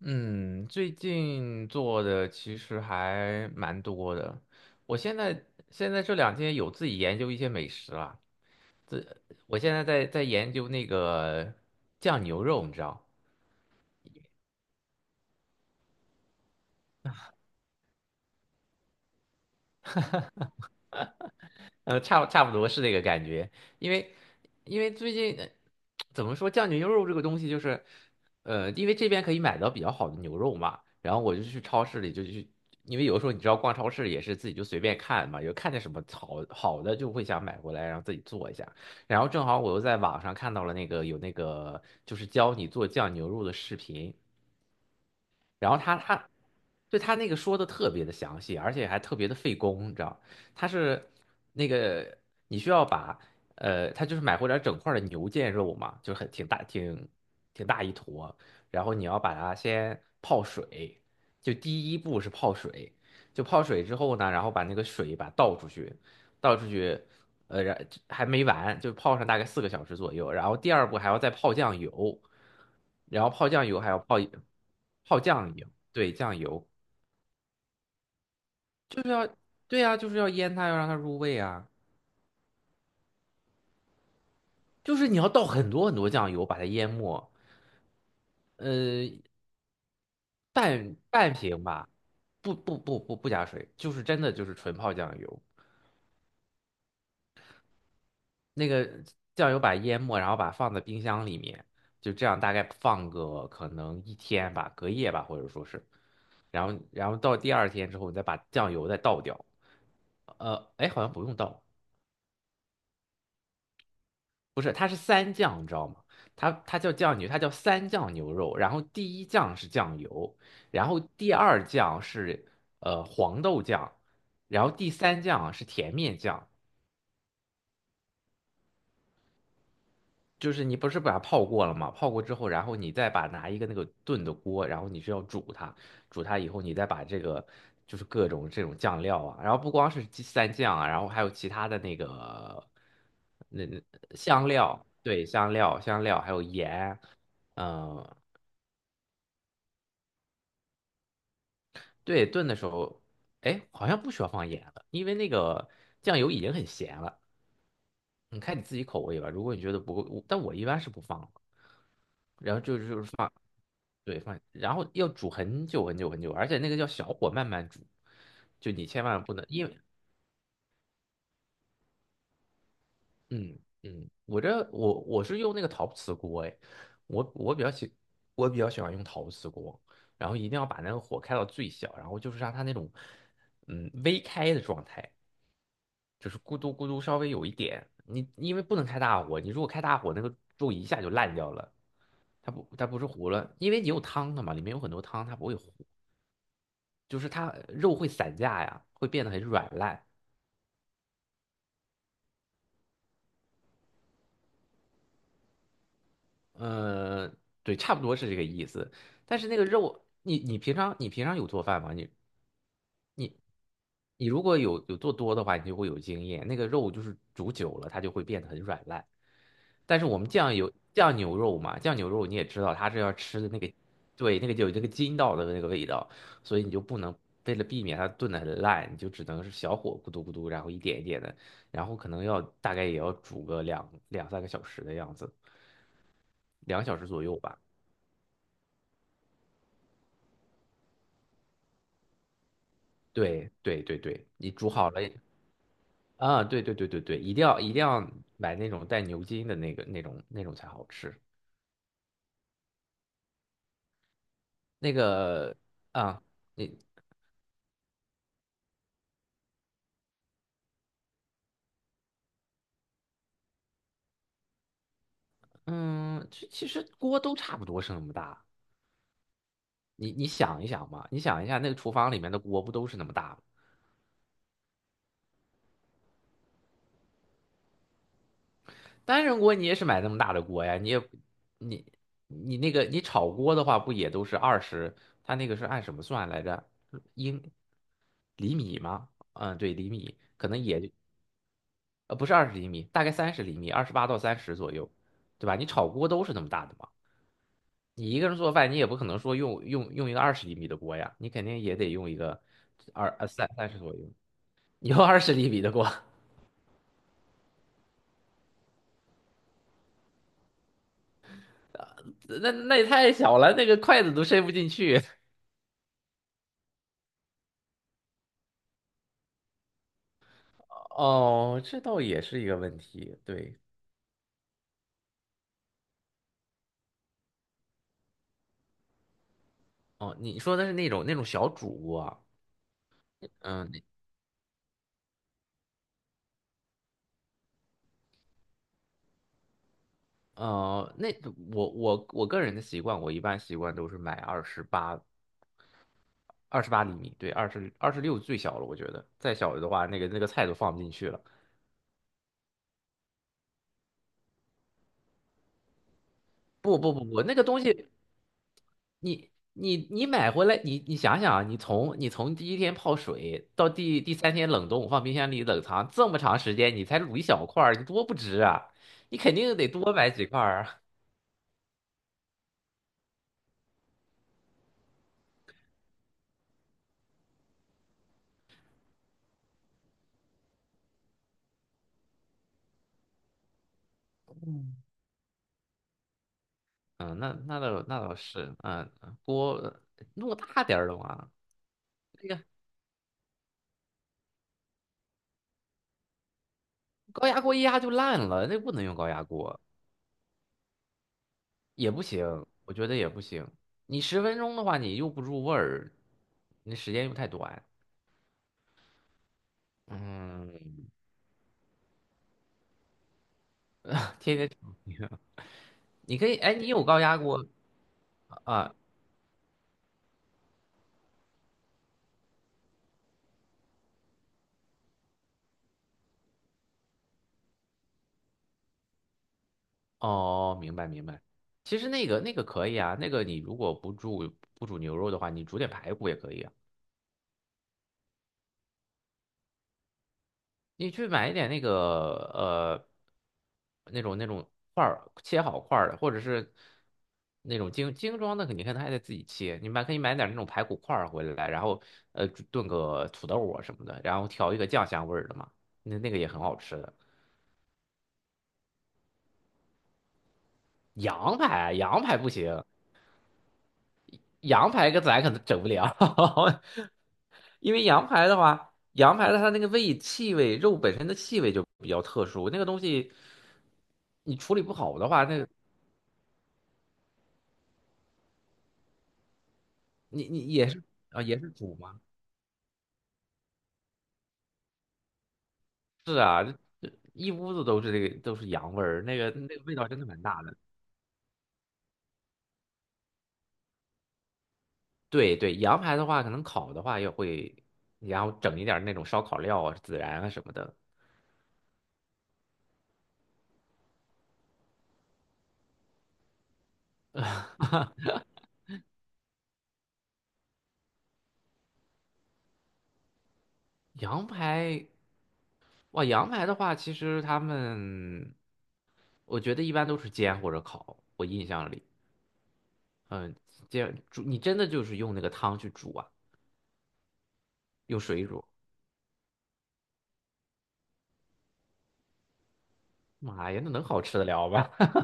嗯，最近做的其实还蛮多的。我现在这两天有自己研究一些美食了。我现在在研究那个酱牛肉，你知道？差不多是那个感觉，因为最近怎么说酱牛肉这个东西就是，因为这边可以买到比较好的牛肉嘛，然后我就去超市里就去，因为有的时候你知道逛超市也是自己就随便看嘛，有看见什么好好的就会想买过来，然后自己做一下，然后正好我又在网上看到了那个有那个就是教你做酱牛肉的视频。然后他，对，他那个说的特别的详细，而且还特别的费工，你知道。他是那个你需要把呃，他就是买回来整块儿的牛腱肉嘛，就很挺大挺挺大一坨。然后你要把它先泡水，就第一步是泡水，就泡水之后呢，然后把那个水倒出去，倒出去然还没完，就泡上大概4个小时左右，然后第二步还要再泡酱油。然后泡酱油还要泡酱油，对，酱油就是要，对呀、就是要腌它，要让它入味啊，就是你要倒很多很多酱油把它淹没。呃，半瓶吧。不加水，就是真的就是纯泡酱油。那个酱油把淹没，然后把它放在冰箱里面，就这样大概放个可能一天吧，隔夜吧，或者说是，然后到第二天之后，你再把酱油再倒掉。哎，好像不用倒。不是，它是三酱，你知道吗？它叫酱牛，它叫三酱牛肉，然后第一酱是酱油，然后第二酱是黄豆酱，然后第三酱是甜面酱。就是你不是把它泡过了吗？泡过之后，然后你再把拿一个那个炖的锅，然后你是要煮它。煮它以后，你再把这个就是各种这种酱料啊，然后不光是鸡蛋酱啊，然后还有其他的那个那香料，对，香料还有盐。嗯、对，炖的时候，哎，好像不需要放盐了，因为那个酱油已经很咸了。你看你自己口味吧。如果你觉得不够，但我一般是不放的。然后就是放。对，放，然后要煮很久很久很久，而且那个叫小火慢慢煮，就你千万不能，因为，嗯嗯，我这我我是用那个陶瓷锅，哎，我我比较喜我比较喜欢用陶瓷锅。然后一定要把那个火开到最小，然后就是让它那种，嗯，微开的状态，就是咕嘟咕嘟稍微有一点，你因为不能开大火，你如果开大火，那个肉一下就烂掉了。它不是糊了，因为你有汤的嘛，里面有很多汤，它不会糊，就是它肉会散架呀，会变得很软烂。呃，对，差不多是这个意思。但是那个肉，你平常有做饭吗？你你如果有做多的话，你就会有经验。那个肉就是煮久了，它就会变得很软烂。但是我们酱有酱牛肉嘛，酱牛肉你也知道，它是要吃的那个，对，那个就有那个筋道的那个味道。所以你就不能为了避免它炖的很烂，你就只能是小火咕嘟咕嘟，然后一点一点的，然后可能要大概也要煮个两三个小时的样子，2小时左右吧。对对对对，你煮好了，啊，对对对对对，一定要买那种带牛筋的那个那种才好吃。那个啊，你嗯，其实锅都差不多是那么大。你你想一想嘛，你想一下那个厨房里面的锅不都是那么大吗？单人锅你也是买那么大的锅呀，你也你你那个你炒锅的话不也都是二十？它那个是按什么算来着？英厘米吗？嗯，对，厘米可能也就不是二十厘米，大概30厘米，28到30左右，对吧？你炒锅都是那么大的嘛。你一个人做饭，你也不可能说用一个二十厘米的锅呀，你肯定也得用一个三十左右。你用二十厘米的锅。那也太小了，那个筷子都伸不进去。哦，这倒也是一个问题。对，哦，你说的是那种小主锅。嗯，那我个人的习惯，我一般习惯都是买二十八厘米，对，二十六最小了，我觉得再小的话，那个那个菜都放不进去了。不不不不，那个东西你买回来，你想想啊，你从第一天泡水到第三天冷冻，放冰箱里冷藏这么长时间，你才卤一小块儿，你多不值啊！你肯定得多买几块儿啊。嗯，那倒是。嗯，锅弄大点儿的嘛。那个高压锅一压就烂了，那不能用高压锅，也不行，我觉得也不行。你10分钟的话，你又不入味儿，你时间又太短。嗯，你可以，哎，你有高压锅啊？哦，明白明白。其实那个可以啊，那个你如果不煮牛肉的话，你煮点排骨也可以啊。你去买一点那个呃那种块儿切好块儿的，或者是那种精装的，你可能还得自己切。你买可以买点那种排骨块儿回来，然后呃炖个土豆啊什么的，然后调一个酱香味儿的嘛，那那个也很好吃的。羊排啊，羊排不行，羊排跟咱可能整不了。因为羊排的话，羊排的它那个气味，肉本身的气味就比较特殊，那个东西你处理不好的话，那个你也是，啊也是煮吗？是啊，这一屋子都是这个都是羊味儿，那个味道真的蛮大的。对对，羊排的话，可能烤的话也会，然后整一点儿那种烧烤料啊、孜然啊什么的。羊排，哇，羊排的话，其实他们我觉得一般都是煎或者烤，我印象里，嗯，煎煮你真的就是用那个汤去煮啊。用水煮，妈呀，那能好吃的了吗？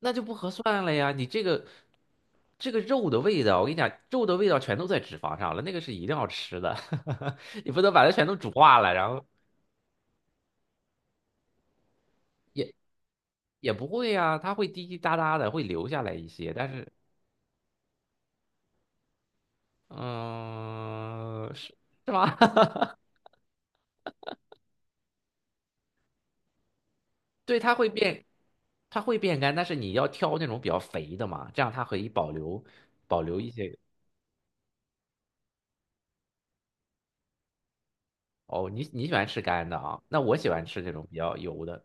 那就不合算了呀！你这个，这个肉的味道，我跟你讲，肉的味道全都在脂肪上了，那个是一定要吃的。你不能把它全都煮化了。然后也也不会呀，它会滴滴答答的会留下来一些，但是嗯、是，是吗？对，它会变，它会变干，但是你要挑那种比较肥的嘛，这样它可以保留保留一些。哦，你你喜欢吃干的啊？那我喜欢吃这种比较油的。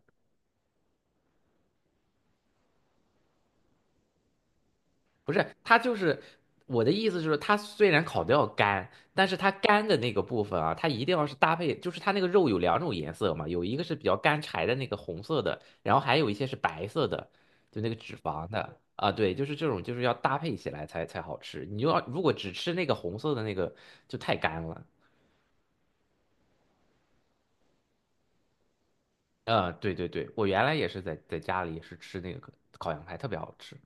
不是，它就是我的意思，就是它虽然烤的要干，但是它干的那个部分啊，它一定要是搭配，就是它那个肉有两种颜色嘛，有一个是比较干柴的那个红色的，然后还有一些是白色的，就那个脂肪的啊，对，就是这种就是要搭配起来才好吃。你就要如果只吃那个红色的那个就太干了。对对对，我原来也是在家里也是吃那个烤羊排，特别好吃，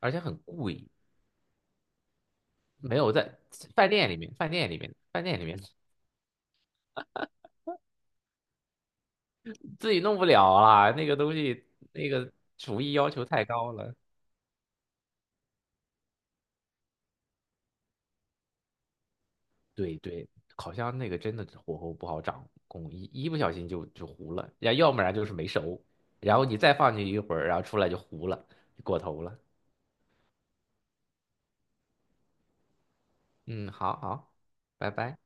而且很贵。没有，在饭店里面，饭店里面，饭店里面。自己弄不了啦，那个东西那个厨艺要求太高了。对对，烤箱那个真的火候不好掌控，一不小心就糊了，要不然就是没熟。然后你再放进去一会儿，然后出来就糊了，就过头了。嗯，好好，拜拜。